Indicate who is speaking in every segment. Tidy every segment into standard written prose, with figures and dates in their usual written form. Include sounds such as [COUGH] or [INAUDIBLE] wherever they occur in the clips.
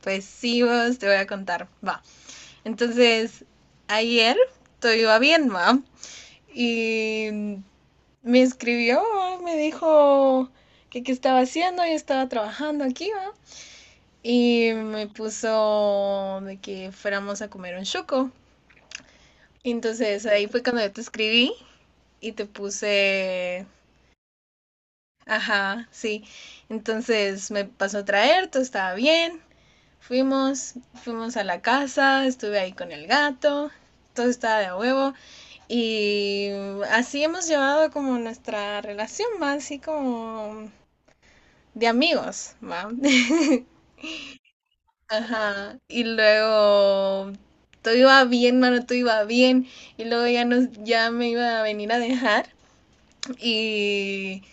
Speaker 1: Pues sí, vos te voy a contar, va. Entonces, ayer todo iba bien, va. Y me escribió, va, me dijo que qué estaba haciendo, yo estaba trabajando aquí, va. Y me puso de que fuéramos a comer un chuco. Y entonces ahí fue cuando yo te escribí y te puse, ajá, sí. Entonces me pasó a traer, todo estaba bien. Fuimos a la casa, estuve ahí con el gato, todo estaba de a huevo y así hemos llevado como nuestra relación, más así como de amigos, ¿va? [LAUGHS] Ajá. Y luego todo iba bien, mano, todo iba bien. Y luego ya me iba a venir a dejar. Y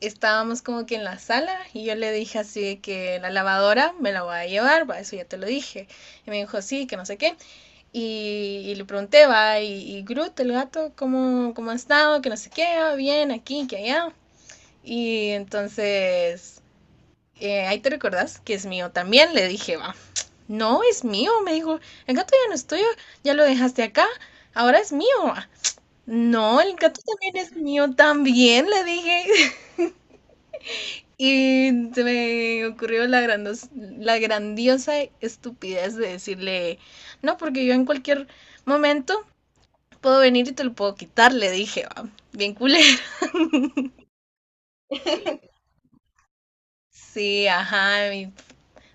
Speaker 1: estábamos como que en la sala y yo le dije así de que la lavadora me la voy a llevar, va, eso ya te lo dije. Y me dijo, sí, que no sé qué. Y le pregunté, va, y Groot, el gato, ¿cómo ha estado? Que no sé qué, ah, bien, aquí, que allá. Y entonces, ahí te recordás que es mío también, le dije, va. No, es mío, me dijo, el gato ya no es tuyo, ya lo dejaste acá, ahora es mío. Va". No, el gato también es mío, también, le dije. [LAUGHS] Y se me ocurrió la grandiosa estupidez de decirle, no, porque yo en cualquier momento puedo venir y te lo puedo quitar, le dije, va, bien culero. [LAUGHS] Sí, ajá, y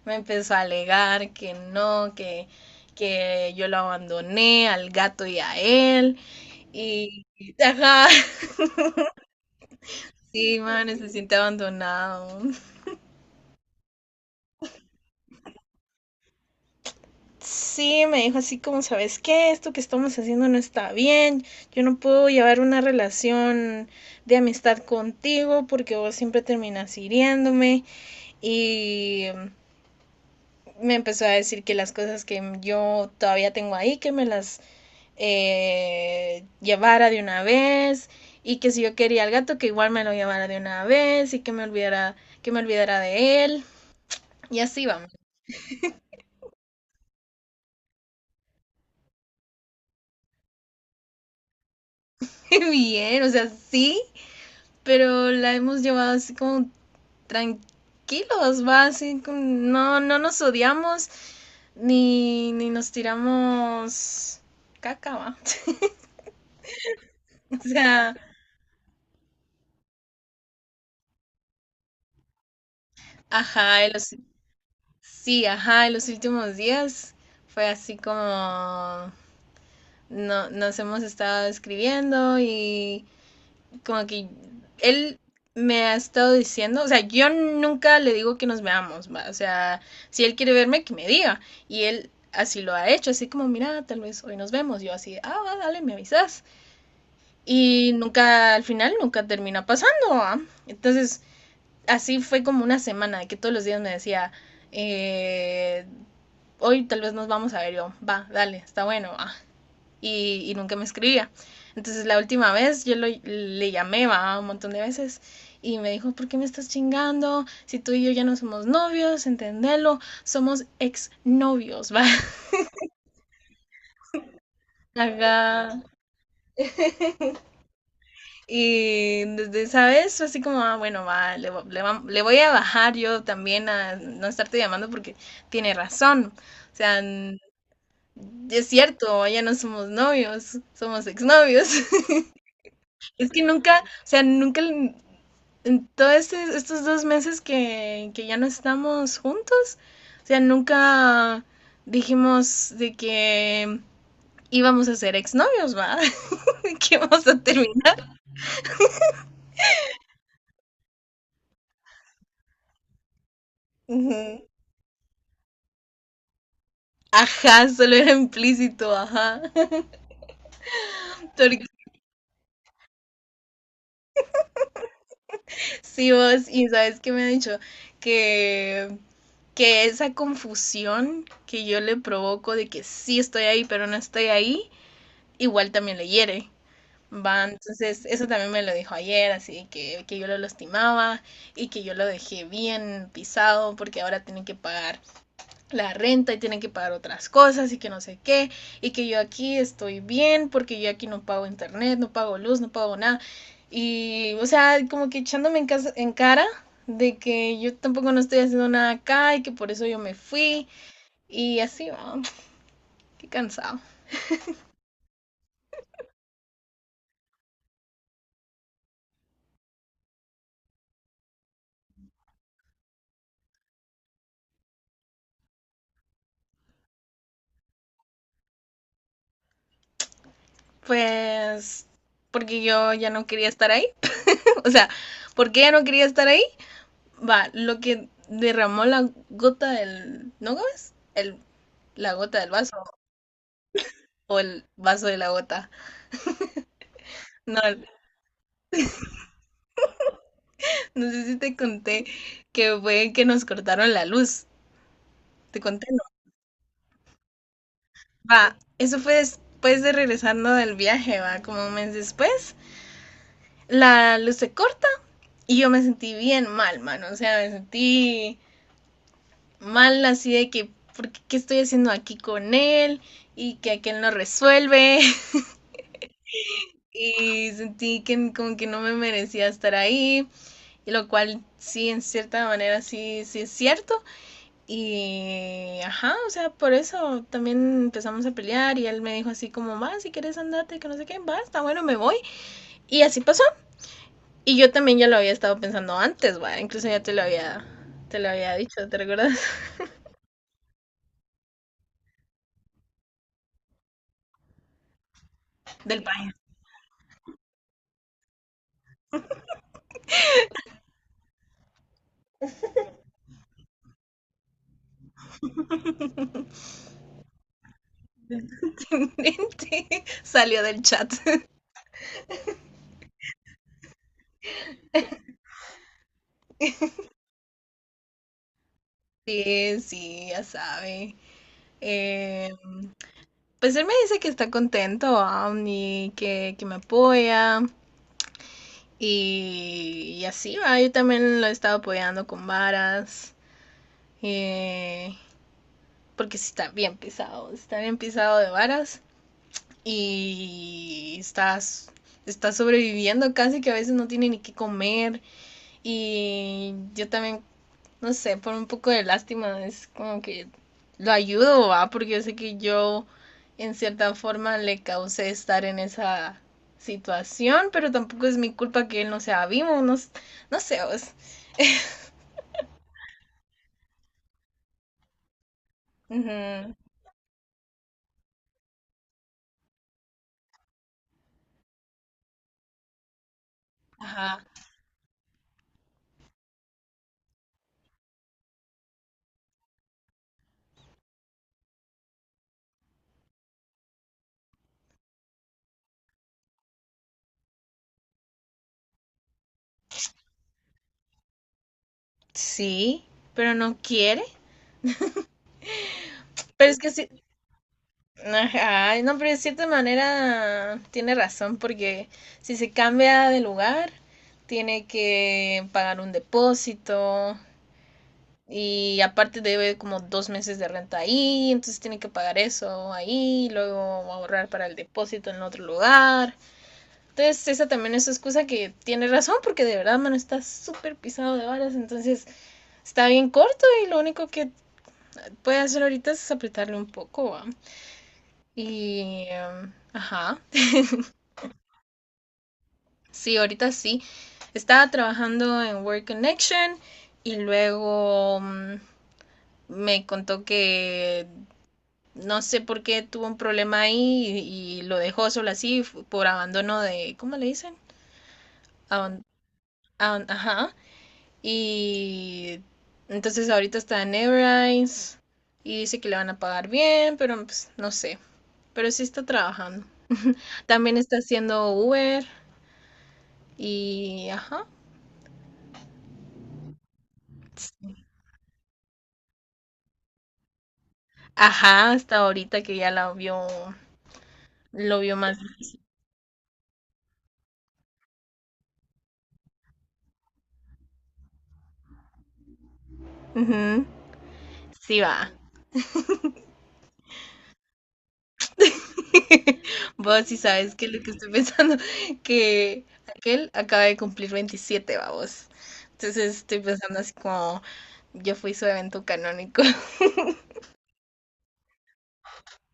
Speaker 1: me empezó a alegar que no, que yo lo abandoné al gato y a él. Y, ajá, [LAUGHS] sí, man, se siente abandonado. Sí, me dijo así como, ¿sabes qué? Esto que estamos haciendo no está bien. Yo no puedo llevar una relación de amistad contigo porque vos siempre terminas hiriéndome. Y me empezó a decir que las cosas que yo todavía tengo ahí, que me las llevara de una vez. Y que si yo quería al gato, que igual me lo llevara de una vez y que me olvidara de él. Y así vamos. [LAUGHS] Bien, o sea, sí, pero la hemos llevado así como tranquilos, va, así, no, no nos odiamos ni, ni nos tiramos caca, va. [LAUGHS] O sea, ajá, sí, ajá, en los últimos días fue así como no, nos hemos estado escribiendo y como que él me ha estado diciendo, o sea, yo nunca le digo que nos veamos, ¿va? O sea, si él quiere verme, que me diga. Y él así lo ha hecho, así como, mira, tal vez hoy nos vemos, yo así, ah, va, dale, me avisas. Y nunca, al final, nunca termina pasando, ¿va? Entonces, así fue como una semana que todos los días me decía, eh, hoy tal vez nos vamos a ver yo, va, dale, está bueno, va, y nunca me escribía. Entonces la última vez yo le llamé, ¿va? Un montón de veces y me dijo, ¿por qué me estás chingando? Si tú y yo ya no somos novios, entendelo, somos exnovios, [LAUGHS] va. Acá. Y desde esa vez fue así como, ah, bueno, va, voy a bajar yo también a no estarte llamando porque tiene razón. O sea, es cierto, ya no somos novios, somos exnovios. [LAUGHS] Es que nunca, o sea, nunca en todos estos dos meses que ya no estamos juntos, o sea, nunca dijimos de que íbamos a ser exnovios, ¿va? [LAUGHS] De que íbamos a terminar. Ujú. Ajá, solo era implícito, ajá. [LAUGHS] Porque sí, vos, y sabes qué me ha dicho que, que esa confusión que yo le provoco de que sí estoy ahí, pero no estoy ahí, igual también le hiere. Va, entonces eso también me lo dijo ayer, así que yo lo lastimaba y que yo lo dejé bien pisado porque ahora tienen que pagar la renta y tienen que pagar otras cosas y que no sé qué y que yo aquí estoy bien porque yo aquí no pago internet, no pago luz, no pago nada y o sea, como que echándome en, casa, en cara de que yo tampoco no estoy haciendo nada acá y que por eso yo me fui y así, va, qué cansado. Pues porque yo ya no quería estar ahí. [LAUGHS] O sea, porque ella no quería estar ahí. Va, lo que derramó la gota del. ¿No Gómez? La gota del vaso. O el vaso de la gota. No, no sé si te conté que fue que nos cortaron la luz. Te conté, no. Va, eso fue después de regresando del viaje, va, como un mes después. La luz se corta y yo me sentí bien mal, mano. O sea, me sentí mal así de que, ¿por qué, qué estoy haciendo aquí con él? Y que aquel no resuelve. [LAUGHS] Y sentí que como que no me merecía estar ahí, y lo cual sí, en cierta manera sí, sí es cierto. Y ajá, o sea, por eso también empezamos a pelear y él me dijo así como, va, si quieres andarte, que no sé qué, va, está bueno, me voy. Y así pasó. Y yo también ya lo había estado pensando antes, va, incluso ya te lo había dicho, ¿te recuerdas? [LAUGHS] Del país. [LAUGHS] Salió del chat. [LAUGHS] Sí, sí, ya sabe. Eh, Pues él me dice que está contento, y que me apoya. Y así va, yo también lo he estado apoyando con varas. eh, Porque sí está bien pisado de varas. Y está, está sobreviviendo casi que a veces no tiene ni qué comer. Y yo también no sé, por un poco de lástima, es como que lo ayudo, ¿va? Porque yo sé que yo en cierta forma le causé estar en esa situación, pero tampoco es mi culpa que él no sea vivo, no, no sé, vos. Ujú. Ajá. Sí, pero no quiere. Pero es que sí, ajá, no, pero de cierta manera tiene razón, porque si se cambia de lugar, tiene que pagar un depósito, y aparte debe como dos meses de renta ahí, entonces tiene que pagar eso ahí, y luego ahorrar para el depósito en otro lugar. Entonces esa también es su excusa que tiene razón porque de verdad, mano, está súper pisado de varas, entonces está bien corto y lo único que puede hacer ahorita es apretarle un poco, ¿va? Y, ajá, sí, ahorita sí. Estaba trabajando en Work Connection y luego me contó que no sé por qué tuvo un problema ahí y lo dejó solo así por abandono de, ¿cómo le dicen? Aban- ajá. Y entonces ahorita está en Everines y dice que le van a pagar bien, pero pues no sé. Pero sí está trabajando. [LAUGHS] También está haciendo Uber y ajá. Ajá, hasta ahorita que ya la vio, lo vio más. Ujú. Sí va. Vos sí sabes que lo que estoy pensando, [LAUGHS] que aquel acaba de cumplir 27, vamos. Entonces estoy pensando así como yo fui su evento canónico, [LAUGHS]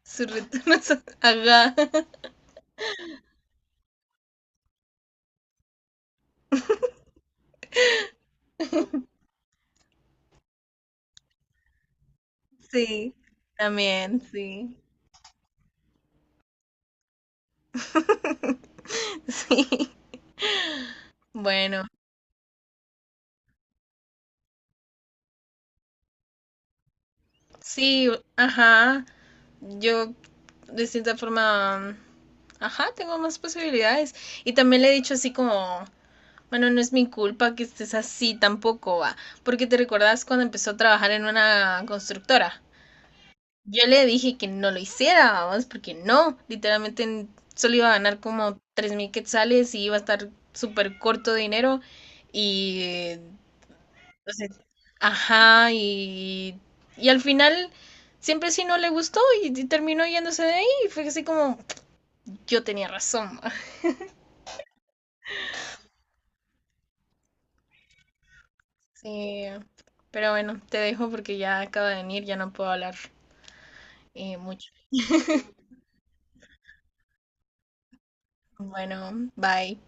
Speaker 1: su retorno a Ajá, sí, también, sí, [LAUGHS] sí. Bueno, sí, ajá, yo de cierta forma, ajá, tengo más posibilidades. Y también le he dicho así como... Bueno, no es mi culpa que estés así tampoco, va. Porque te recordás cuando empezó a trabajar en una constructora. Yo le dije que no lo hiciera, vamos, porque no. Literalmente solo iba a ganar como 3000 quetzales y iba a estar súper corto de dinero. Y. Entonces, ajá, y. Y al final, siempre sí no le gustó y terminó yéndose de ahí. Y fue así como, yo tenía razón. [LAUGHS] Va. Sí. Pero bueno, te dejo porque ya acaba de venir, ya no puedo hablar. Mucho. Bueno, bye.